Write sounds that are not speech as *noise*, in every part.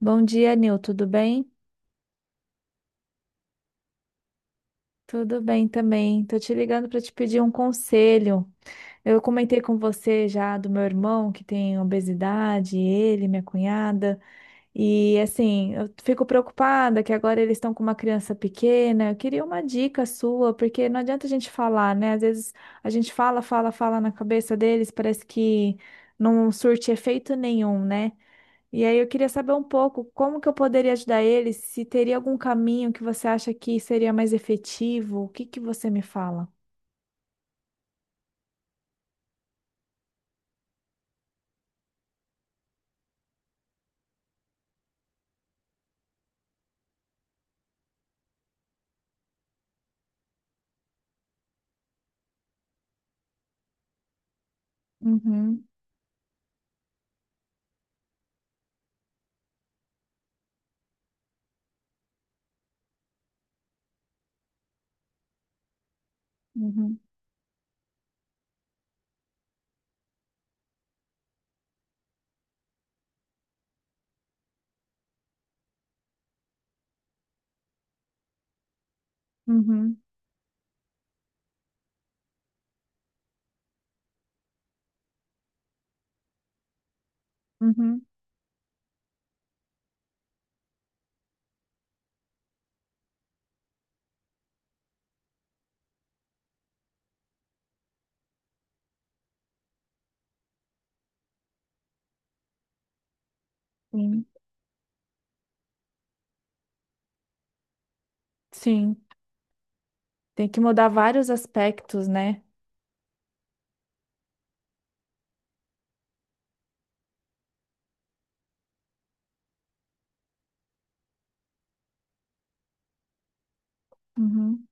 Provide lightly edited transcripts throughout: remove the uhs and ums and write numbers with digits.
Bom dia, Nil, tudo bem? Tudo bem também. Tô te ligando para te pedir um conselho. Eu comentei com você já do meu irmão que tem obesidade, ele, minha cunhada, e assim, eu fico preocupada que agora eles estão com uma criança pequena. Eu queria uma dica sua, porque não adianta a gente falar, né? Às vezes a gente fala, fala, fala na cabeça deles, parece que não surte efeito nenhum, né? E aí eu queria saber um pouco como que eu poderia ajudar ele, se teria algum caminho que você acha que seria mais efetivo, o que que você me fala? Uhum, uhum, uhum, uhum, sim. Sim, tem que mudar vários aspectos, né? Uhum.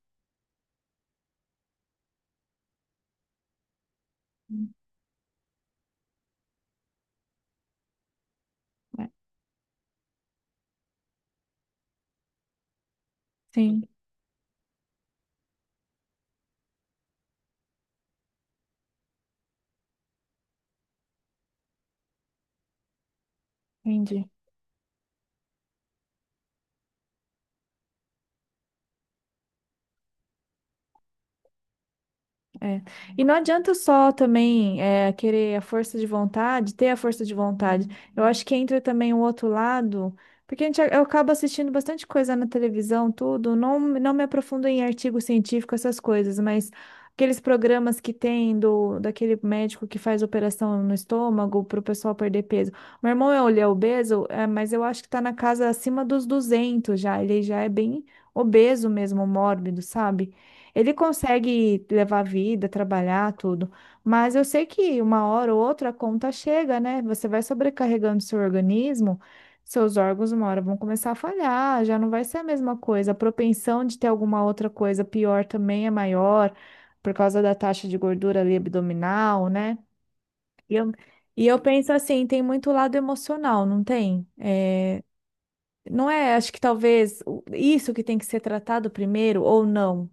É. Sim, entendi. É. E não adianta só também querer a força de vontade, ter a força de vontade. Eu acho que entra também o outro lado, porque a gente, eu acabo assistindo bastante coisa na televisão, tudo. Não, não me aprofundo em artigo científico, essas coisas, mas aqueles programas que tem daquele médico que faz operação no estômago para o pessoal perder peso. Meu irmão é, ele é obeso, é, mas eu acho que está na casa acima dos 200 já. Ele já é bem obeso mesmo, mórbido, sabe? Ele consegue levar a vida, trabalhar, tudo. Mas eu sei que uma hora ou outra a conta chega, né? Você vai sobrecarregando seu organismo, seus órgãos uma hora vão começar a falhar, já não vai ser a mesma coisa. A propensão de ter alguma outra coisa pior também é maior, por causa da taxa de gordura ali abdominal, né? E eu, e eu penso assim, tem muito lado emocional, não tem? É, não é, acho que talvez isso que tem que ser tratado primeiro ou não.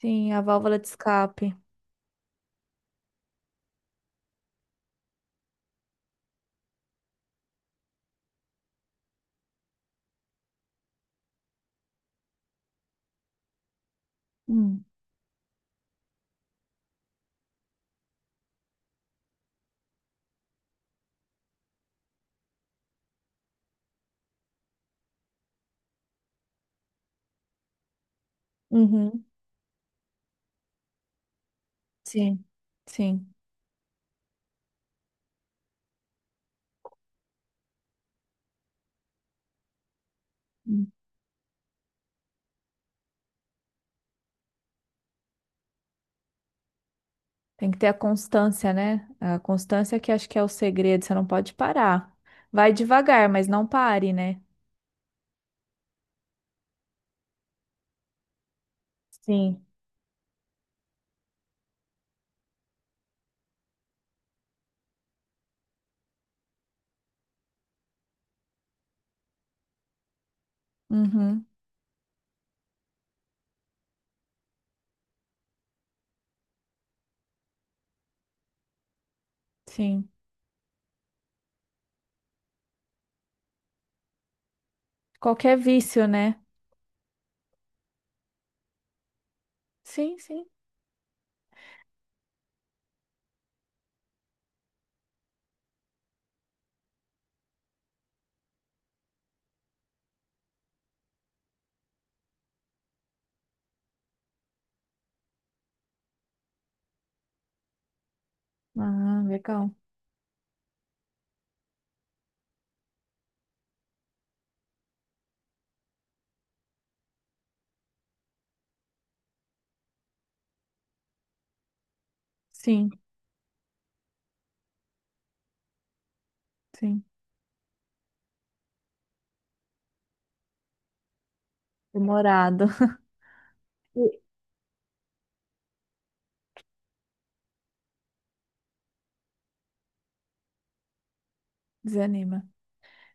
Sim, a válvula de escape. Hum. Uhum. Sim, sim. Hum. Tem que ter a constância, né? A constância que acho que é o segredo, você não pode parar. Vai devagar, mas não pare, né? Sim. Uhum. Sim. Qualquer vício, né? Sim, sim. Ah, legal. Sim, sim. Demorado. E- Desanima.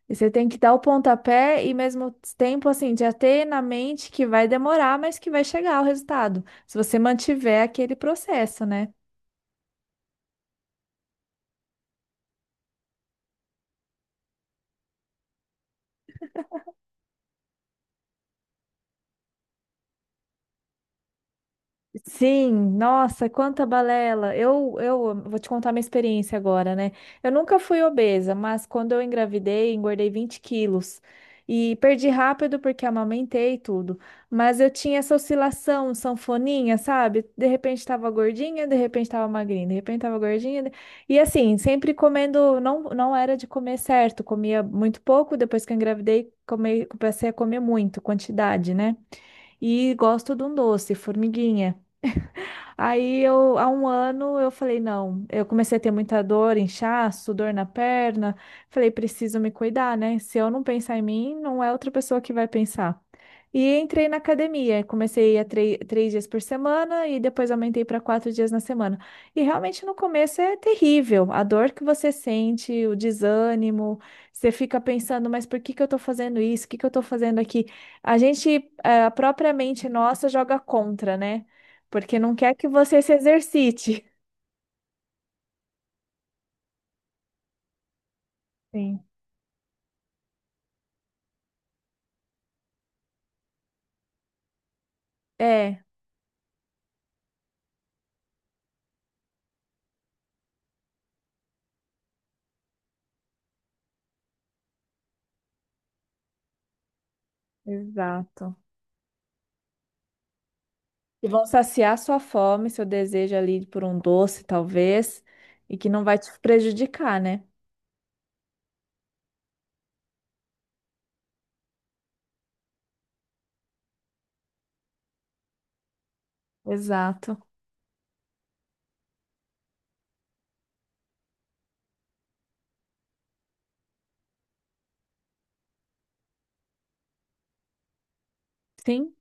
E você tem que dar o pontapé e mesmo tempo, assim, já ter na mente que vai demorar, mas que vai chegar o resultado. Se você mantiver aquele processo, né? Sim, nossa, quanta balela. Eu vou te contar minha experiência agora, né? Eu nunca fui obesa, mas quando eu engravidei, engordei 20 quilos. E perdi rápido porque amamentei e tudo. Mas eu tinha essa oscilação, sanfoninha, sabe? De repente tava gordinha, de repente tava magrinha, de repente tava gordinha. E assim, sempre comendo, não era de comer certo, comia muito pouco. Depois que eu engravidei, comecei a comer muito, quantidade, né? E gosto de um doce, formiguinha. Aí eu, há um ano, eu falei, não, eu comecei a ter muita dor, inchaço, dor na perna. Falei, preciso me cuidar, né? Se eu não pensar em mim, não é outra pessoa que vai pensar. E entrei na academia, comecei a três dias por semana e depois aumentei para quatro dias na semana. E realmente no começo é terrível, a dor que você sente, o desânimo, você fica pensando, mas por que que eu estou fazendo isso? O que que eu estou fazendo aqui? A gente, a própria mente nossa joga contra, né? Porque não quer que você se exercite. Sim. *laughs* É, exato. E vão saciar sua fome, seu desejo ali por um doce, talvez, e que não vai te prejudicar, né? Exato. Sim,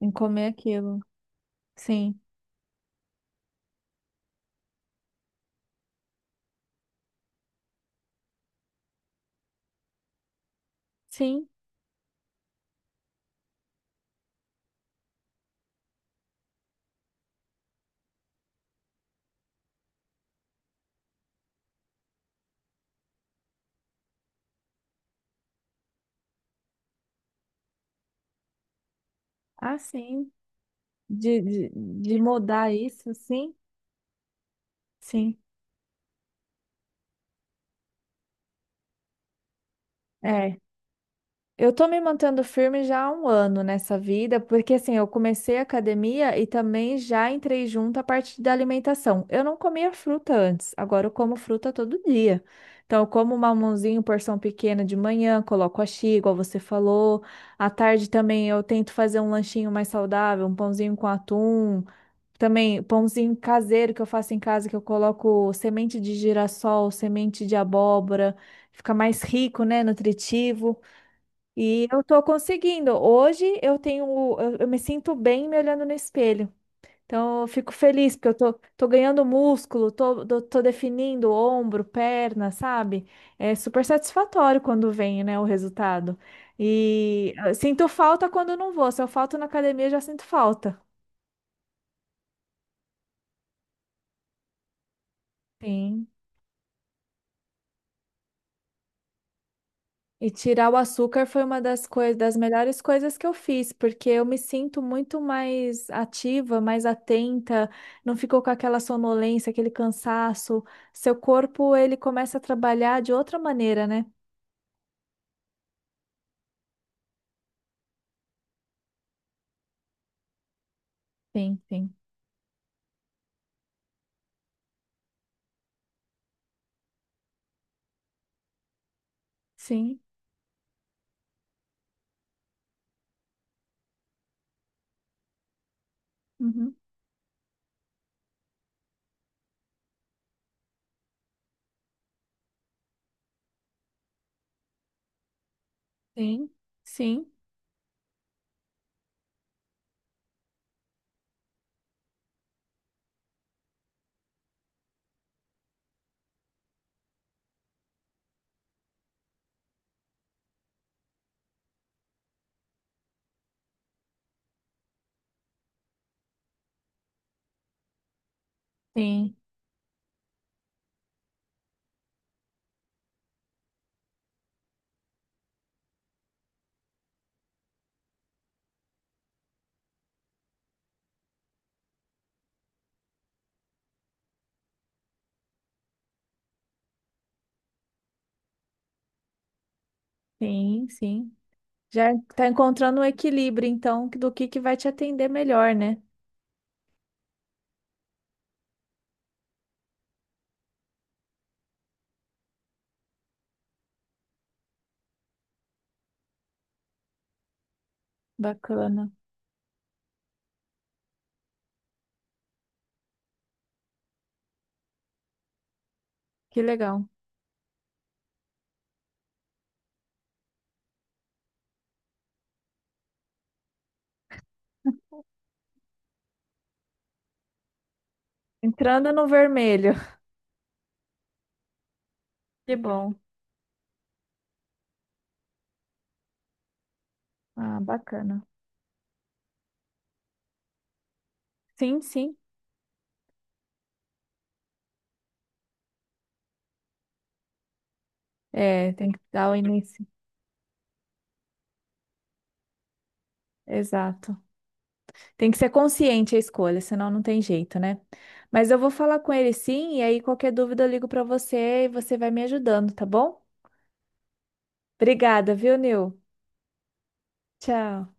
em comer aquilo. Sim, sim. Ah, sim. De, de, de mudar isso, sim, sim. É. Eu tô me mantendo firme já há um ano nessa vida, porque assim, eu comecei a academia e também já entrei junto à parte da alimentação. Eu não comia fruta antes, agora eu como fruta todo dia. Então, eu como um mamãozinho, porção pequena de manhã, coloco achi, igual você falou. À tarde também eu tento fazer um lanchinho mais saudável, um pãozinho com atum. Também pãozinho caseiro que eu faço em casa, que eu coloco semente de girassol, semente de abóbora. Fica mais rico, né? Nutritivo. E eu tô conseguindo. Hoje eu tenho, eu me sinto bem me olhando no espelho. Então eu fico feliz porque eu tô, tô ganhando músculo, tô definindo ombro, perna, sabe? É super satisfatório quando vem, né, o resultado. E eu sinto falta quando eu não vou. Se eu falto na academia, eu já sinto falta. Sim. E tirar o açúcar foi uma das coisas, das melhores coisas que eu fiz, porque eu me sinto muito mais ativa, mais atenta, não ficou com aquela sonolência, aquele cansaço. Seu corpo, ele começa a trabalhar de outra maneira, né? Sim, sim. Sim. Uhum. Sim. Sim. Sim. Sim, sim. Já tá encontrando um equilíbrio, então, do que vai te atender melhor, né? Bacana. Que legal. Entrando no vermelho. *laughs* Que bom. Ah, bacana. Sim, sim. É, tem que dar o início. Exato. Tem que ser consciente a escolha, senão não tem jeito, né? Mas eu vou falar com ele sim, e aí qualquer dúvida eu ligo para você e você vai me ajudando, tá bom? Obrigada, viu, Nil? Tchau.